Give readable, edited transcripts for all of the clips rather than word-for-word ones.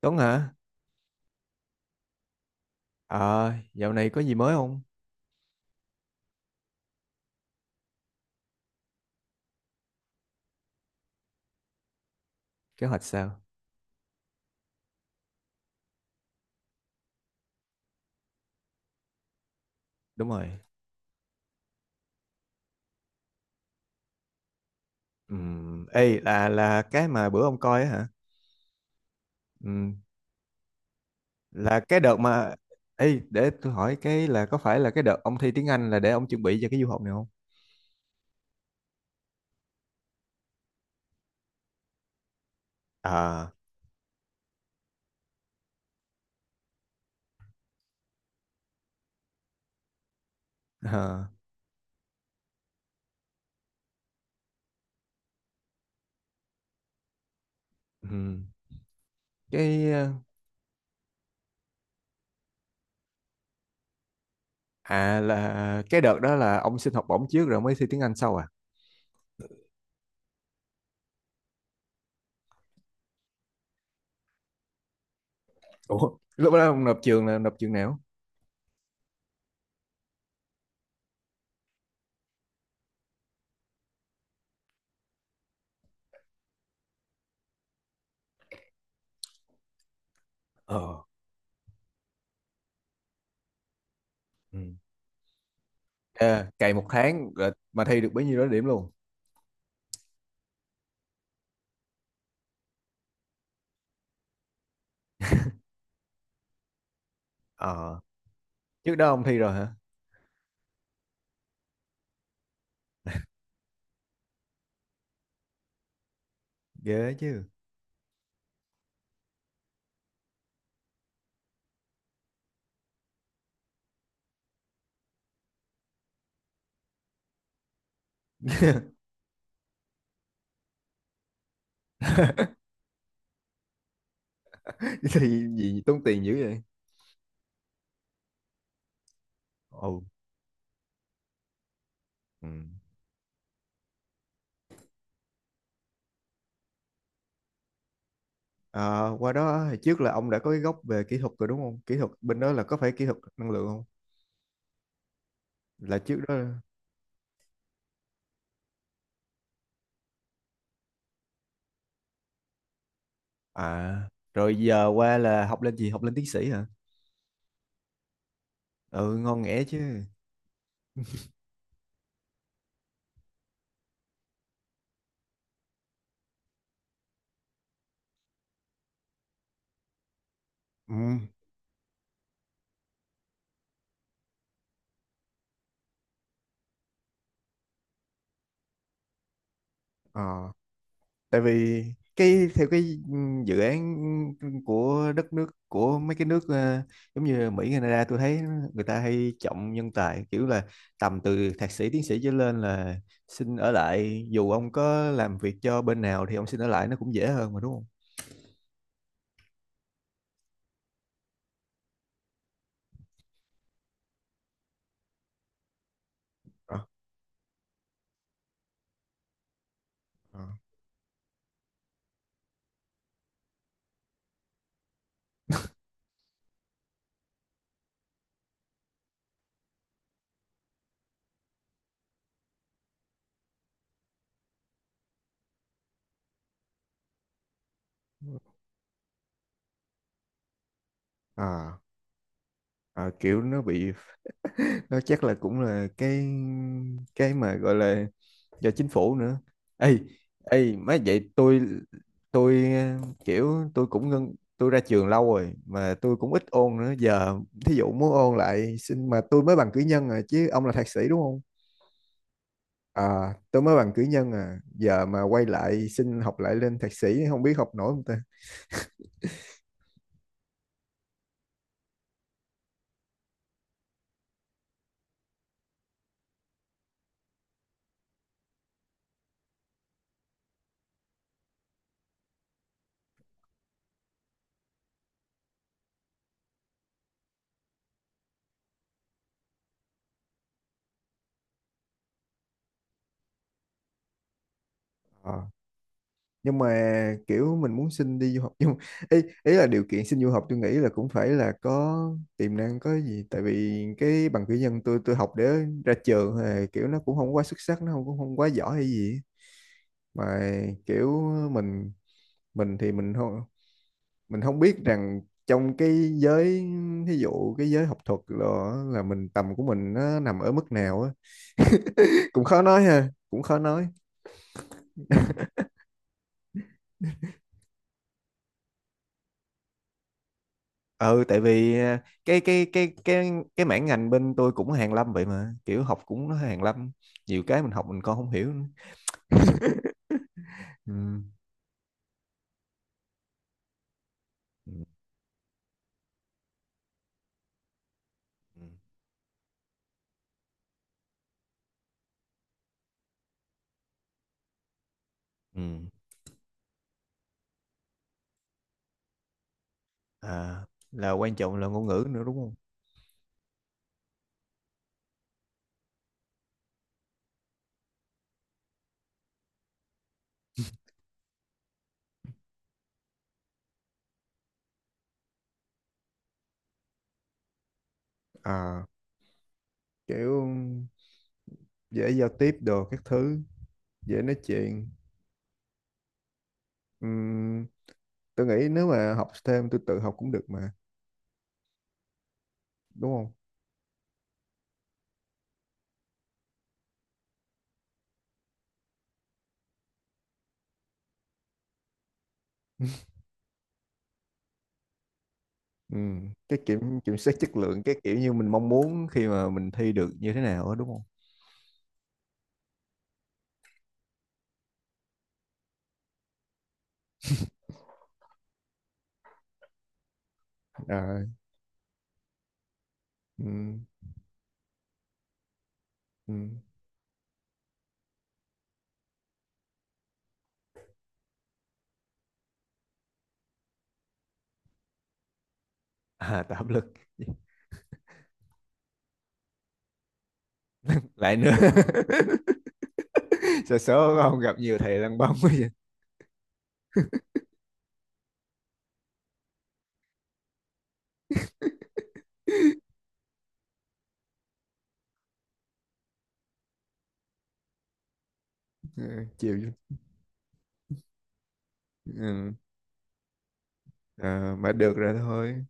Tuấn hả? Ờ, dạo này có gì mới không? Kế hoạch sao? Đúng rồi. Ê, là cái mà bữa ông coi á hả? Ừm, là cái đợt mà. Ê, để tôi hỏi cái là có phải là cái đợt ông thi tiếng Anh là để ông chuẩn bị cho cái du học này không? À, à, ừm, cái... ờ, À, là cái đợt đó là ông xin học bổng trước rồi mới thi tiếng Anh sau à? Ủa, lúc đó ông nộp trường là nộp trường nào? Ờ. Ừ. À, cày một tháng rồi mà thi được bấy nhiêu đó điểm luôn. Ờ, Trước đó ông thi rồi hả? Ghê chứ. Thì gì tốn tiền dữ vậy? Ồ. Ừ. Ờ, Qua đó hồi trước là ông đã có cái gốc về kỹ thuật rồi đúng không? Kỹ thuật bên đó là có phải kỹ thuật năng lượng không? Là trước đó. À, rồi giờ qua là học lên gì, học lên tiến sĩ hả? Ừ, ngon nghẻ chứ. Ừ. Ừ. Ờ. Tại vì theo cái dự án của đất nước, của mấy cái nước giống như Mỹ, Canada, tôi thấy người ta hay trọng nhân tài, kiểu là tầm từ thạc sĩ tiến sĩ trở lên là xin ở lại, dù ông có làm việc cho bên nào thì ông xin ở lại nó cũng dễ hơn mà, đúng không? Ờ, ờ, ờ, ờ, kiểu nó bị đó, chắc là cũng là cái mà gọi là do chính phủ nữa. Ê ê má, vậy tôi kiểu tôi cũng ngân, tôi ra trường lâu rồi mà tôi cũng ít ôn nữa, giờ thí dụ muốn ôn lại xin mà tôi mới bằng cử nhân à, chứ ông là thạc sĩ đúng không? À, tôi mới bằng cử nhân à, giờ mà quay lại xin học lại lên thạc sĩ không biết học nổi không ta. À. Nhưng mà kiểu mình muốn xin đi du học, nhưng ý ý là điều kiện xin du học tôi nghĩ là cũng phải là có tiềm năng có gì, tại vì cái bằng cử nhân tôi học để ra trường thì kiểu nó cũng không quá xuất sắc, nó không, cũng không quá giỏi hay gì á. Mà kiểu mình mình thì mình không biết rằng trong cái giới, ví dụ cái giới học thuật, là mình, tầm của mình nó nằm ở mức nào á. Cũng khó nói ha, cũng khó nói. Ừ, tại vì cái mảng ngành bên tôi cũng hàng lâm vậy, mà kiểu học cũng nó hàng lâm, nhiều cái mình học mình còn không hiểu nữa. Ừ. Ừ. Ừ. Ừ. À, là quan trọng là ngôn ngữ nữa đúng không? À, kiểu dễ giao tiếp đồ các thứ, dễ nói chuyện. Ừm, tôi nghĩ nếu mà học thêm tôi tự học cũng được mà, đúng không? Ừ. Cái kiểm kiểm soát chất lượng, cái kiểu như mình mong muốn khi mà mình thi được như thế nào đó, đúng không? À, ừm, ừm. À, tạo áp lực lại nữa. Sợ số không, gặp nhiều thầy lăn bông quá vậy. Ừ, chịu chứ. Ừ. À, mà được rồi thôi.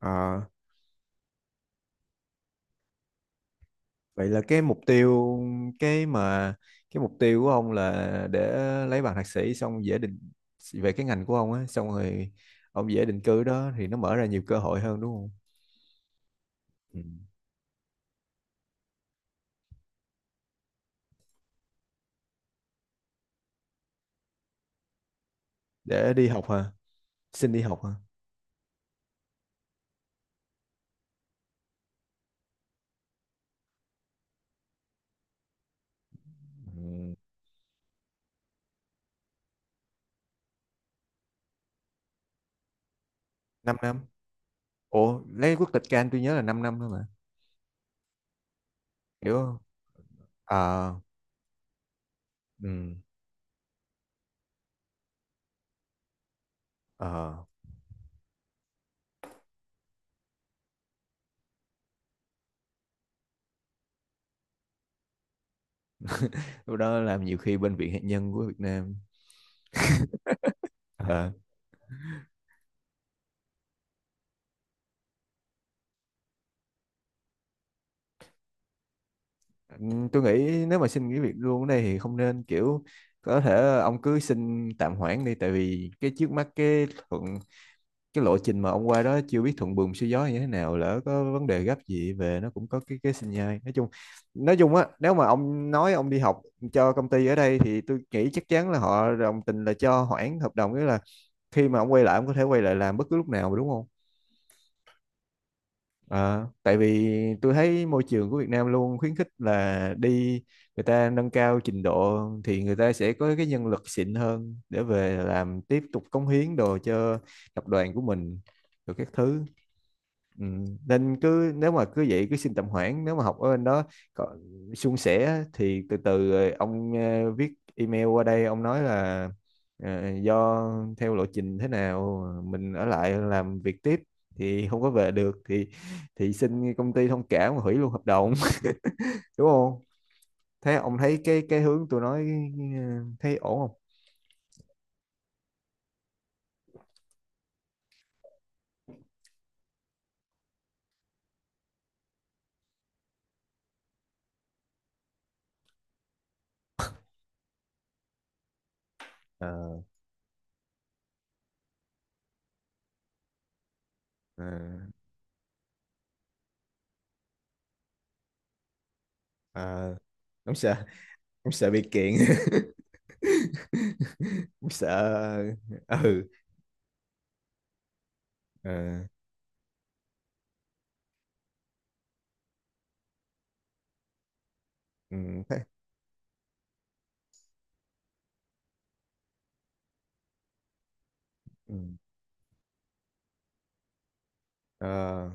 À, vậy là cái mà cái mục tiêu của ông là để lấy bằng thạc sĩ xong dễ định, về cái ngành của ông á, xong rồi ông dễ định cư đó, thì nó mở ra nhiều cơ hội hơn, đúng không? Ừ. Để đi học hả? Xin đi học hả? Ừ. 5 năm. Ủa, lấy quốc tịch Can tôi nhớ là 5 năm thôi mà. Hiểu không? À. Ừ. Ờ. Lúc đó làm nhiều khi bên Viện Hạt nhân của Việt Nam. Ờ. Ừ, tôi nghĩ nếu mà xin nghỉ việc luôn ở đây thì không nên, kiểu có thể ông cứ xin tạm hoãn đi, tại vì cái trước mắt, cái cái lộ trình mà ông qua đó chưa biết thuận buồm xuôi gió như thế nào, lỡ có vấn đề gấp gì về nó cũng có cái sinh nhai, nói chung, nói chung á, nếu mà ông nói ông đi học cho công ty ở đây thì tôi nghĩ chắc chắn là họ đồng tình là cho hoãn hợp đồng, nghĩa là khi mà ông quay lại ông có thể quay lại làm bất cứ lúc nào mà, đúng không? Ờ, Tại vì tôi thấy môi trường của Việt Nam luôn khuyến khích là đi, người ta nâng cao trình độ thì người ta sẽ có cái nhân lực xịn hơn để về làm tiếp tục cống hiến đồ cho tập đoàn của mình, rồi các thứ. Ừ, nên cứ nếu mà cứ vậy cứ xin tạm hoãn, nếu mà học ở bên đó có suôn sẻ thì từ từ rồi ông viết email qua đây ông nói là do theo lộ trình thế nào mình ở lại làm việc tiếp thì không có về được, thì xin công ty thông cảm và hủy luôn hợp đồng. Đúng không? Thế ông thấy cái hướng tôi nói thấy ổn không? Ờ, ờ, ờ. ông sợ ông sợ bị kiện. Ông sợ. Ừ. Ờ, ừ, thế, ừ. Ờ,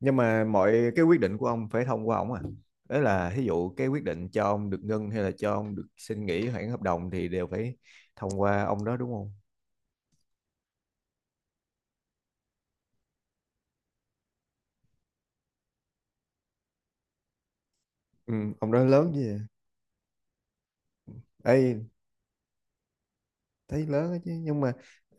nhưng mà mọi cái quyết định của ông phải thông qua ông à, đấy là ví dụ cái quyết định cho ông được ngưng hay là cho ông được xin nghỉ hoãn hợp đồng thì đều phải thông qua ông đó, đúng không? Ừ, ông đó lớn gì vậy? Ê, thấy lớn đó chứ, nhưng mà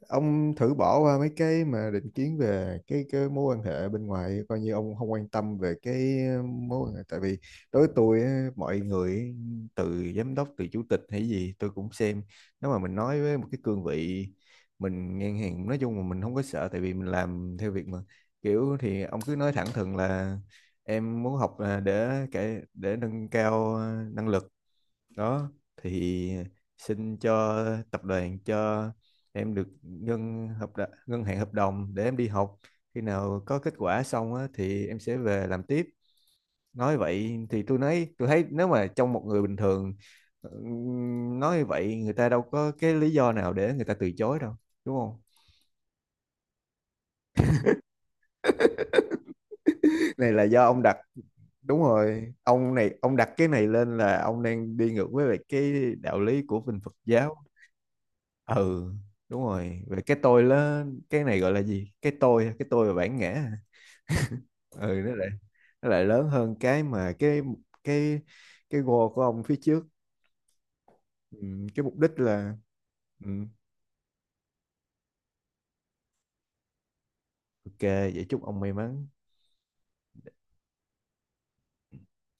ông thử bỏ qua mấy cái mà định kiến về cái mối quan hệ bên ngoài, coi như ông không quan tâm về cái mối quan hệ, tại vì đối với tôi á, mọi người ấy, từ giám đốc, từ chủ tịch hay gì tôi cũng xem, nếu mà mình nói với một cái cương vị mình ngang hàng nói chung là mình không có sợ, tại vì mình làm theo việc mà, kiểu thì ông cứ nói thẳng thừng là em muốn học là để cái để nâng cao năng lực đó, thì xin cho tập đoàn, cho em được ngân hạn hợp đồng để em đi học, khi nào có kết quả xong á, thì em sẽ về làm tiếp, nói vậy thì tôi nói tôi thấy nếu mà trong một người bình thường nói như vậy người ta đâu có cái lý do nào để người ta từ chối đâu, đúng không? Này là do ông đặt. Đúng rồi, ông này ông đặt cái này lên là ông đang đi ngược với lại cái đạo lý của bên Phật giáo. Ừ, đúng rồi, về cái tôi lớn, cái này gọi là gì, cái tôi, cái tôi và bản ngã hả? Ừ, nó lại lớn hơn cái mà cái cái goal của ông phía trước. Ừ, cái mục đích là. Ừ, ok vậy chúc ông may mắn.